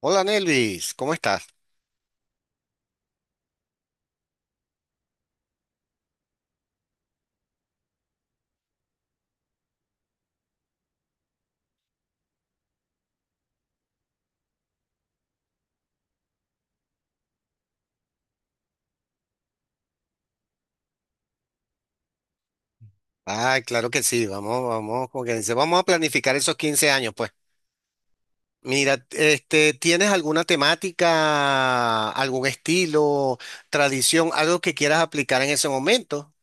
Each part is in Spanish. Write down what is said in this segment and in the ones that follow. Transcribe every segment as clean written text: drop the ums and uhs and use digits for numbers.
Hola Nelvis, ¿cómo estás? Ay, claro que sí, vamos, vamos, como que dice, vamos a planificar esos 15 años, pues. Mira, este, ¿tienes alguna temática, algún estilo, tradición, algo que quieras aplicar en ese momento?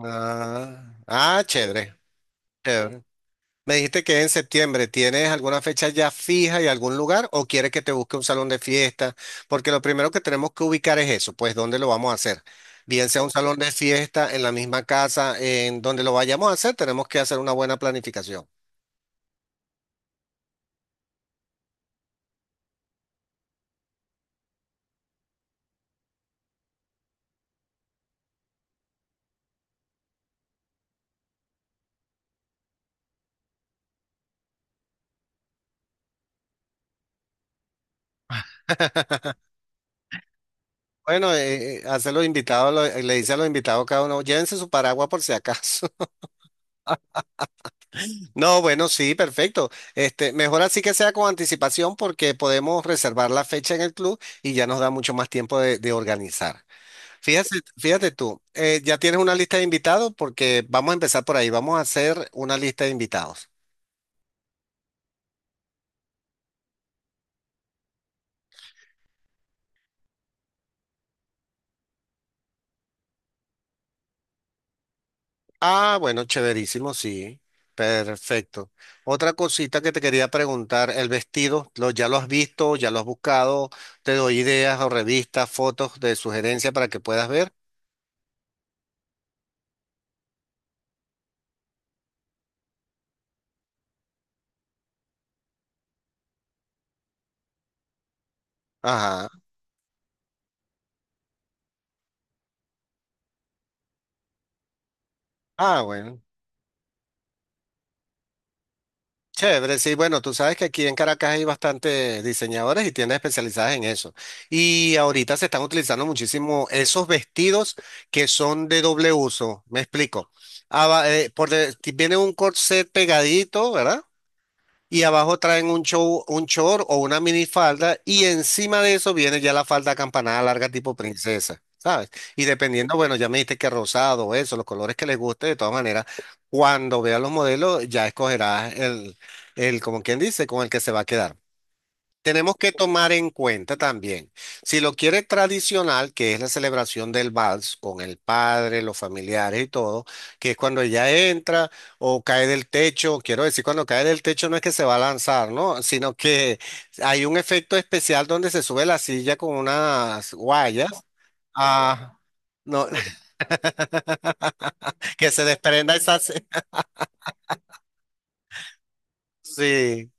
Ah, ah, chévere, chévere. Me dijiste que es en septiembre. ¿Tienes alguna fecha ya fija y algún lugar o quieres que te busque un salón de fiesta? Porque lo primero que tenemos que ubicar es eso, pues dónde lo vamos a hacer. Bien sea un salón de fiesta, en la misma casa, en donde lo vayamos a hacer, tenemos que hacer una buena planificación. Bueno, hace los invitados, le dice a los invitados cada uno, llévense su paraguas por si acaso. No, bueno, sí, perfecto. Este, mejor así que sea con anticipación porque podemos reservar la fecha en el club y ya nos da mucho más tiempo de organizar. Fíjate, fíjate tú, ya tienes una lista de invitados porque vamos a empezar por ahí, vamos a hacer una lista de invitados. Ah, bueno, chéverísimo, sí, perfecto. Otra cosita que te quería preguntar, el vestido, lo, ¿ya lo has visto, ya lo has buscado? Te doy ideas o revistas, fotos de sugerencia para que puedas ver. Ajá, ah, bueno. Chévere, sí, bueno, tú sabes que aquí en Caracas hay bastantes diseñadores y tiendas especializadas en eso. Y ahorita se están utilizando muchísimo esos vestidos que son de doble uso, me explico. Viene un corset pegadito, ¿verdad? Y abajo traen un short o una minifalda y encima de eso viene ya la falda acampanada larga tipo princesa, ¿sabes? Y dependiendo, bueno, ya me dijiste que rosado, eso, los colores que les guste, de todas maneras, cuando veas los modelos ya escogerás el, como quien dice, con el que se va a quedar. Tenemos que tomar en cuenta también, si lo quiere tradicional, que es la celebración del vals con el padre, los familiares y todo, que es cuando ella entra o cae del techo, quiero decir, cuando cae del techo no es que se va a lanzar, ¿no? Sino que hay un efecto especial donde se sube la silla con unas guayas, ah, no, que se desprenda esa... Sí.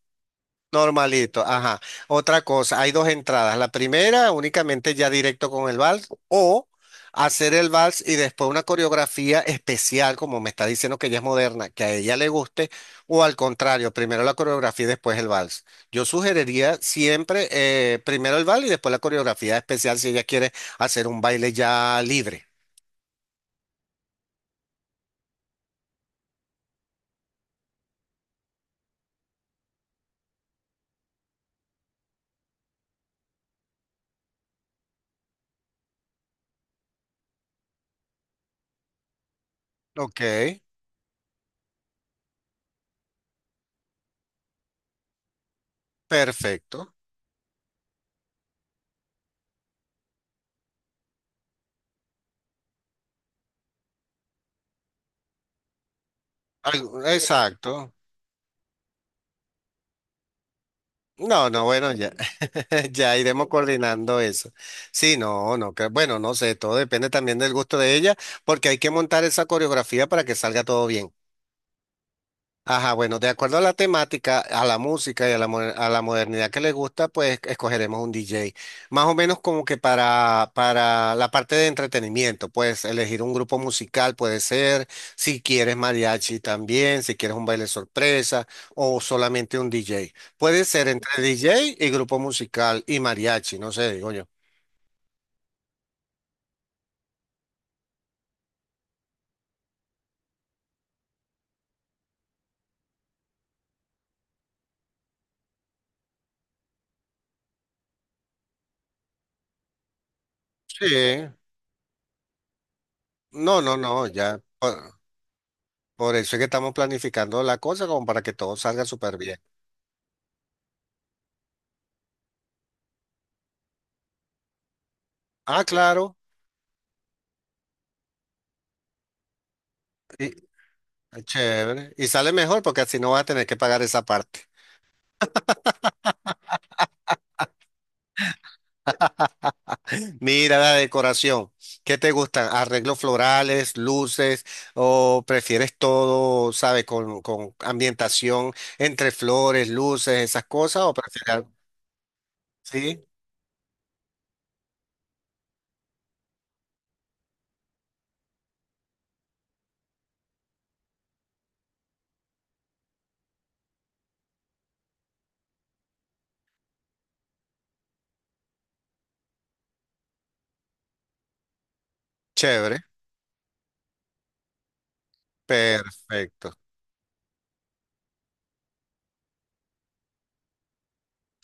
Normalito, ajá. Otra cosa, hay dos entradas. La primera, únicamente ya directo con el vals, o hacer el vals y después una coreografía especial, como me está diciendo que ella es moderna, que a ella le guste, o al contrario, primero la coreografía y después el vals. Yo sugeriría siempre primero el vals y después la coreografía especial si ella quiere hacer un baile ya libre. Ok, perfecto. Algo- Exacto. No, no, bueno, ya, ya iremos coordinando eso. Sí, no, no, que, bueno, no sé, todo depende también del gusto de ella, porque hay que montar esa coreografía para que salga todo bien. Ajá, bueno, de acuerdo a la temática, a la música y a la, a la modernidad que le gusta, pues escogeremos un DJ. Más o menos como que para la parte de entretenimiento, pues elegir un grupo musical puede ser, si quieres mariachi también, si quieres un baile sorpresa o solamente un DJ. Puede ser entre DJ y grupo musical y mariachi, no sé, digo yo. Sí, no, no, no, ya. Por eso es que estamos planificando la cosa como para que todo salga súper bien. Ah, claro. Chévere. Y sale mejor porque así no vas a tener que pagar esa parte. Mira la decoración. ¿Qué te gustan? ¿Arreglos florales, luces o prefieres todo, sabe, con ambientación entre flores, luces, esas cosas o prefieres algo? Sí, chévere. Perfecto.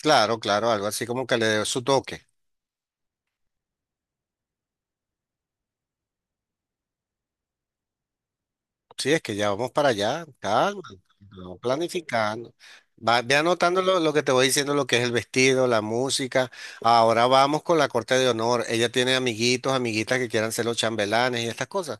Claro, claro, algo así como que le dé su toque. Sí, es que ya vamos para allá, calma, vamos planificando. Va, ve anotando lo que te voy diciendo, lo que es el vestido, la música. Ahora vamos con la corte de honor. Ella tiene amiguitos, amiguitas que quieran ser los chambelanes y estas cosas.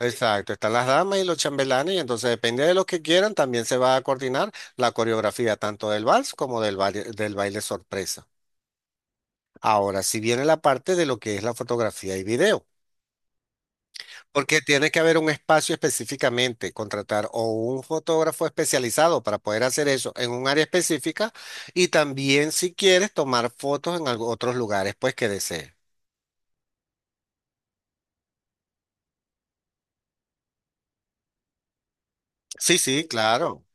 Exacto, están las damas y los chambelanes, y entonces depende de los que quieran, también se va a coordinar la coreografía tanto del vals como del baile sorpresa. Ahora, si viene la parte de lo que es la fotografía y video. Porque tiene que haber un espacio específicamente, contratar o un fotógrafo especializado para poder hacer eso en un área específica y también si quieres tomar fotos en otros lugares, pues que desees. Sí, sí, claro.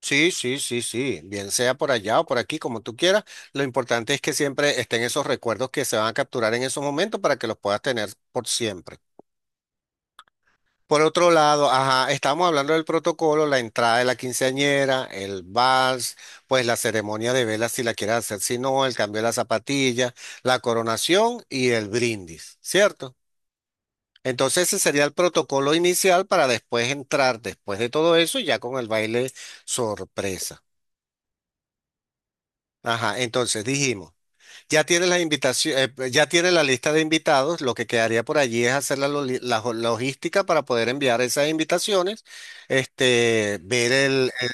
Sí, sí, sí, sí. Bien sea por allá o por aquí, como tú quieras. Lo importante es que siempre estén esos recuerdos que se van a capturar en esos momentos para que los puedas tener por siempre. Por otro lado, ajá, estamos hablando del protocolo, la entrada de la quinceañera, el vals, pues la ceremonia de velas si la quieres hacer, si no, el cambio de la zapatilla, la coronación y el brindis, ¿cierto? Entonces ese sería el protocolo inicial para después entrar, después de todo eso, ya con el baile sorpresa. Ajá, entonces dijimos. Ya tienes la invitación, pues, ya tienes la lista de invitados. Lo que quedaría por allí es hacer la, loli- la jo- logística para poder enviar esas invitaciones. Este, ver el,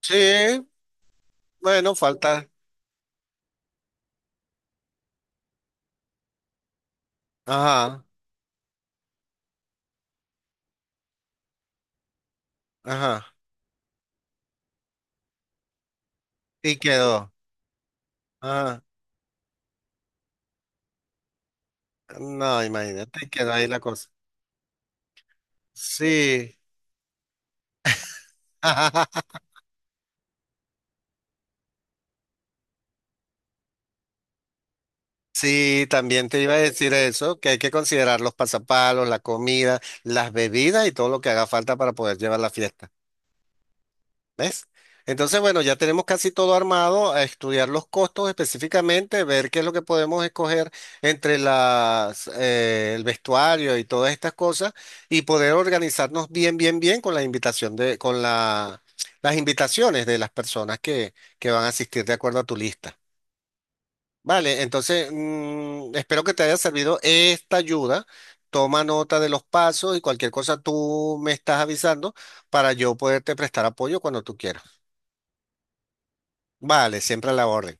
sí, bueno, falta. Ajá, ajá. Y quedó. Ajá. No, imagínate, quedó ahí la cosa. Sí. Sí, también te iba a decir eso, que hay que considerar los pasapalos, la comida, las bebidas y todo lo que haga falta para poder llevar la fiesta. ¿Ves? Entonces, bueno, ya tenemos casi todo armado, a estudiar los costos específicamente, ver qué es lo que podemos escoger entre las, el vestuario y todas estas cosas y poder organizarnos bien, bien, bien con la invitación de, con la, las invitaciones de las personas que van a asistir de acuerdo a tu lista. Vale, entonces, espero que te haya servido esta ayuda. Toma nota de los pasos y cualquier cosa tú me estás avisando para yo poderte prestar apoyo cuando tú quieras. Vale, siempre a la orden.